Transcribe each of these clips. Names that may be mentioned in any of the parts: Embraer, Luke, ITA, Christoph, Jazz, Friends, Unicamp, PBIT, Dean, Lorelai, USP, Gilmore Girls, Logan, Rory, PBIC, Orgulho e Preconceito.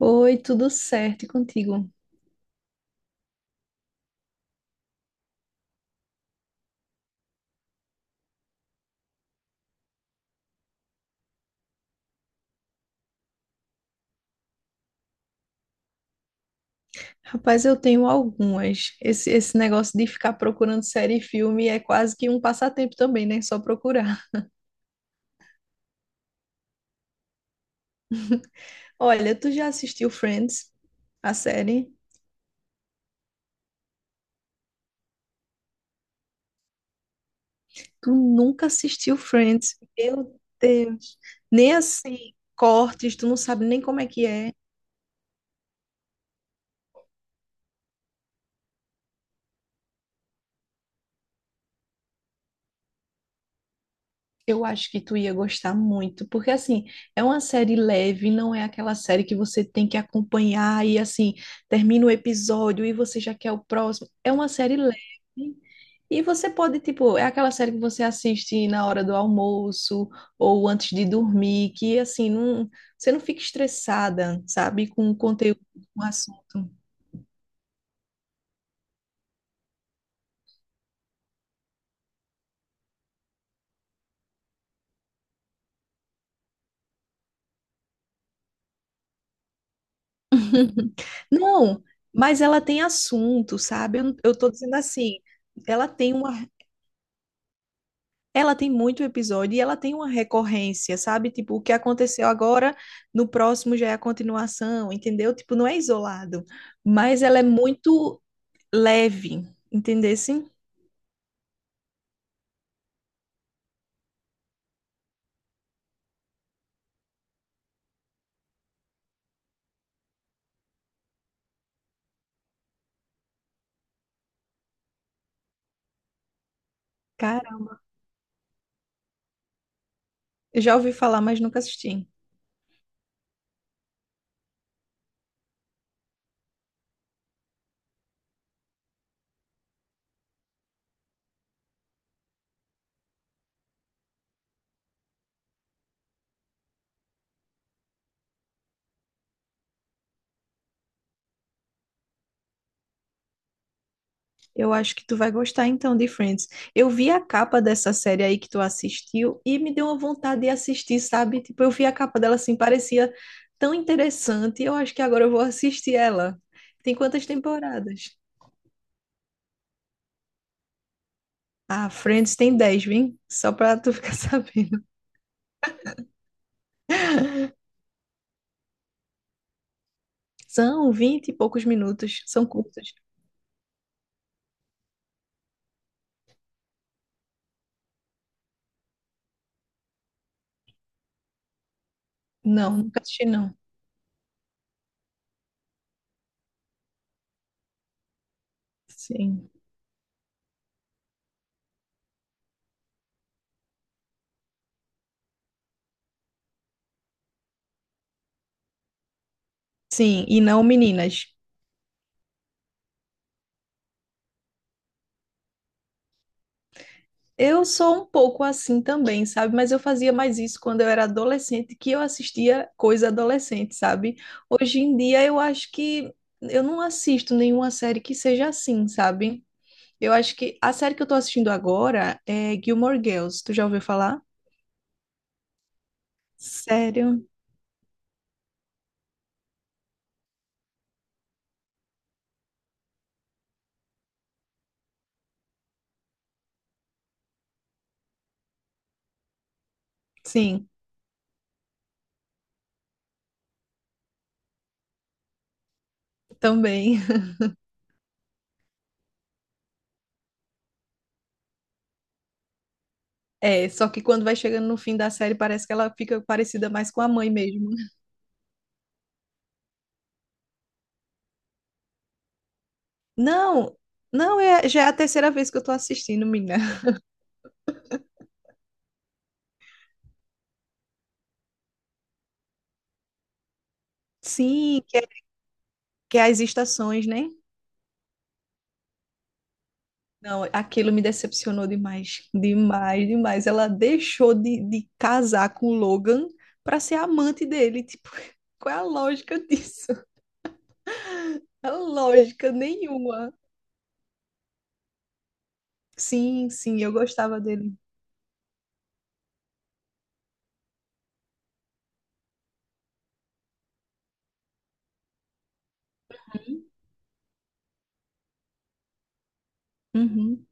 Oi, tudo certo e contigo? Rapaz, eu tenho algumas. Esse negócio de ficar procurando série e filme é quase que um passatempo também, né? Só procurar. Olha, tu já assistiu Friends, a série? Tu nunca assistiu Friends? Meu Deus. Nem assim, cortes, tu não sabe nem como é que é. Eu acho que tu ia gostar muito, porque assim, é uma série leve, não é aquela série que você tem que acompanhar e assim, termina o episódio e você já quer o próximo. É uma série leve e você pode, tipo, é aquela série que você assiste na hora do almoço ou antes de dormir, que assim, não, você não fica estressada, sabe, com o conteúdo, com o assunto. Não, mas ela tem assunto, sabe? Eu tô dizendo assim, ela tem uma Ela tem muito episódio e ela tem uma recorrência, sabe? Tipo, o que aconteceu agora, no próximo já é a continuação, entendeu? Tipo, não é isolado, mas ela é muito leve, entendesse? Cara, eu já ouvi falar, mas nunca assisti. Eu acho que tu vai gostar então de Friends. Eu vi a capa dessa série aí que tu assistiu e me deu uma vontade de assistir, sabe? Tipo, eu vi a capa dela assim, parecia tão interessante. Eu acho que agora eu vou assistir ela. Tem quantas temporadas? Ah, Friends tem 10, viu? Só pra tu ficar sabendo. São 20 e poucos minutos, são curtos. Não, nunca assisti não. Sim. Sim, e não meninas. Eu sou um pouco assim também, sabe? Mas eu fazia mais isso quando eu era adolescente, que eu assistia coisa adolescente, sabe? Hoje em dia eu acho que eu não assisto nenhuma série que seja assim, sabe? Eu acho que a série que eu tô assistindo agora é Gilmore Girls. Tu já ouviu falar? Sério? Sim, também. É, só que quando vai chegando no fim da série, parece que ela fica parecida mais com a mãe mesmo. Não, não, é, já é a terceira vez que eu tô assistindo, menina. Sim, que é as estações, né? Não, aquilo me decepcionou demais, demais, demais. Ela deixou de casar com o Logan para ser amante dele. Tipo, qual é a lógica disso? A lógica nenhuma. Sim, sim, eu gostava dele. Uhum.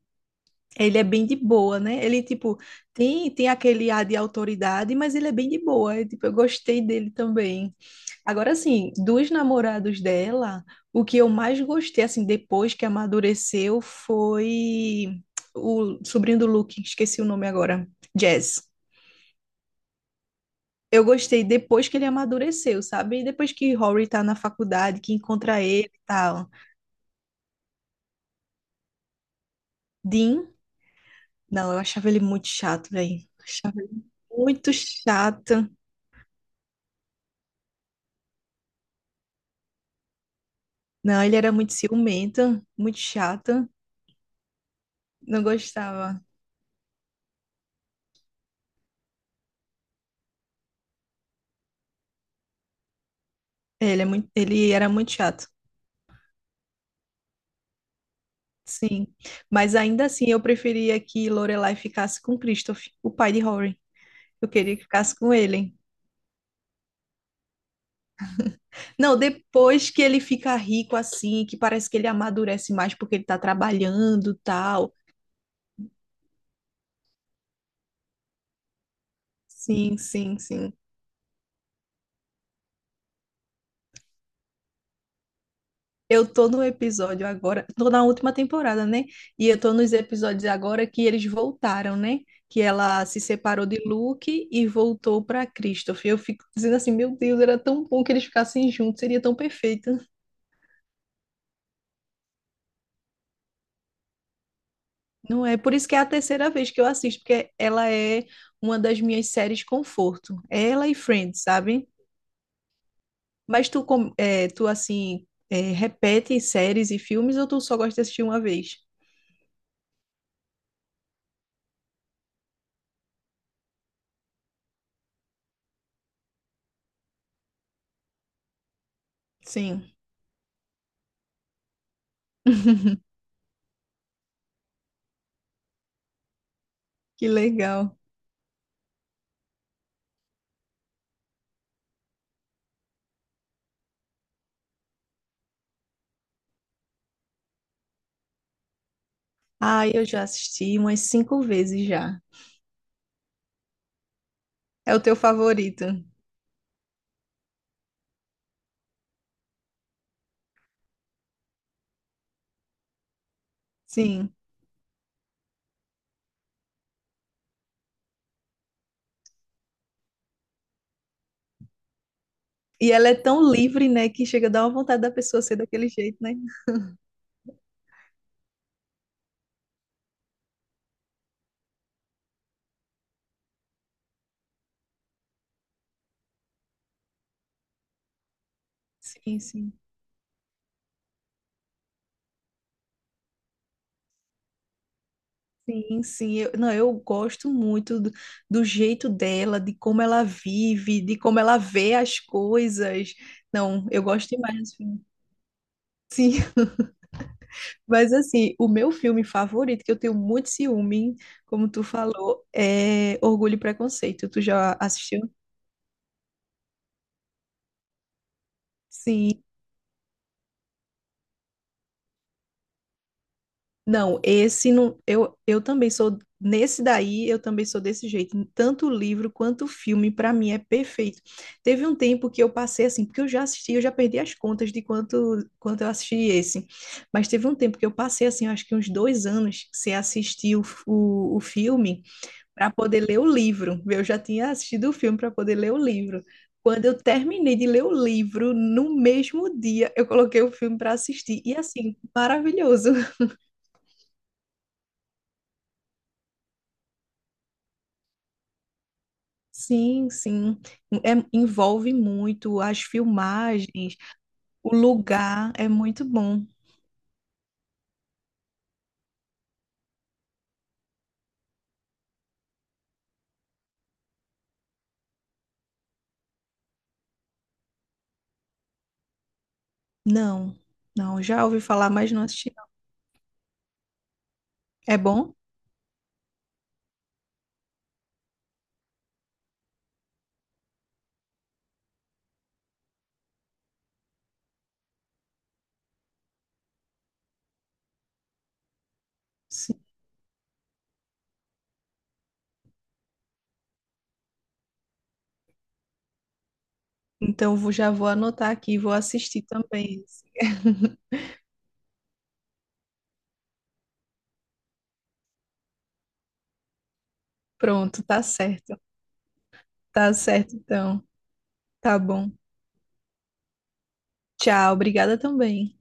Ele é bem de boa, né? Ele, tipo, tem aquele ar de autoridade, mas ele é bem de boa. É, tipo, eu gostei dele também. Agora, assim, dos namorados dela, o que eu mais gostei, assim, depois que amadureceu, foi o sobrinho do Luke, esqueci o nome agora, Jazz. Eu gostei depois que ele amadureceu, sabe? E depois que Rory tá na faculdade, que encontra ele e tal. Dean, não, eu achava ele muito chato, velho. Achava ele muito chato. Não, ele era muito ciumento, muito chato. Não gostava. É, ele é muito, ele era muito chato. Sim, mas ainda assim eu preferia que Lorelai ficasse com Christoph, o pai de Rory. Eu queria que ficasse com ele. Não, depois que ele fica rico assim, que parece que ele amadurece mais porque ele tá trabalhando, tal. Sim, sim, sim. Eu tô no episódio agora, tô na última temporada, né? E eu tô nos episódios agora que eles voltaram, né? Que ela se separou de Luke e voltou pra Christoph. Eu fico dizendo assim, meu Deus, era tão bom que eles ficassem juntos, seria tão perfeito. Não é por isso que é a terceira vez que eu assisto, porque ela é uma das minhas séries conforto. É ela e Friends, sabe? Mas tu, tu assim, é, repete séries e filmes ou tu só gosta de assistir uma vez? Sim, que legal. Ah, eu já assisti umas cinco vezes já. É o teu favorito? Sim. E ela é tão livre, né, que chega a dar uma vontade da pessoa ser daquele jeito, né? Sim, sim. Sim, sim, eu, não, eu gosto muito do jeito dela, de como ela vive, de como ela vê as coisas. Não, eu gosto demais desse filme. Sim, mas assim, o meu filme favorito, que eu tenho muito ciúme, como tu falou, é Orgulho e Preconceito. Tu já assistiu? Sim, não, esse não. Eu também sou. Nesse daí, eu também sou desse jeito. Tanto o livro quanto o filme, para mim, é perfeito. Teve um tempo que eu passei assim, porque eu já assisti, eu já perdi as contas de quanto eu assisti esse. Mas teve um tempo que eu passei assim, eu acho que uns 2 anos, sem assistir o filme, para poder ler o livro. Eu já tinha assistido o filme para poder ler o livro. Quando eu terminei de ler o livro, no mesmo dia, eu coloquei o filme para assistir. E assim, maravilhoso. Sim, sim. Envolve muito as filmagens, o lugar é muito bom. Não, não, já ouvi falar, mas não assisti. Não. É bom? Sim. Então já vou anotar aqui, vou assistir também. Pronto, tá certo. Tá certo, então. Tá bom. Tchau, obrigada também.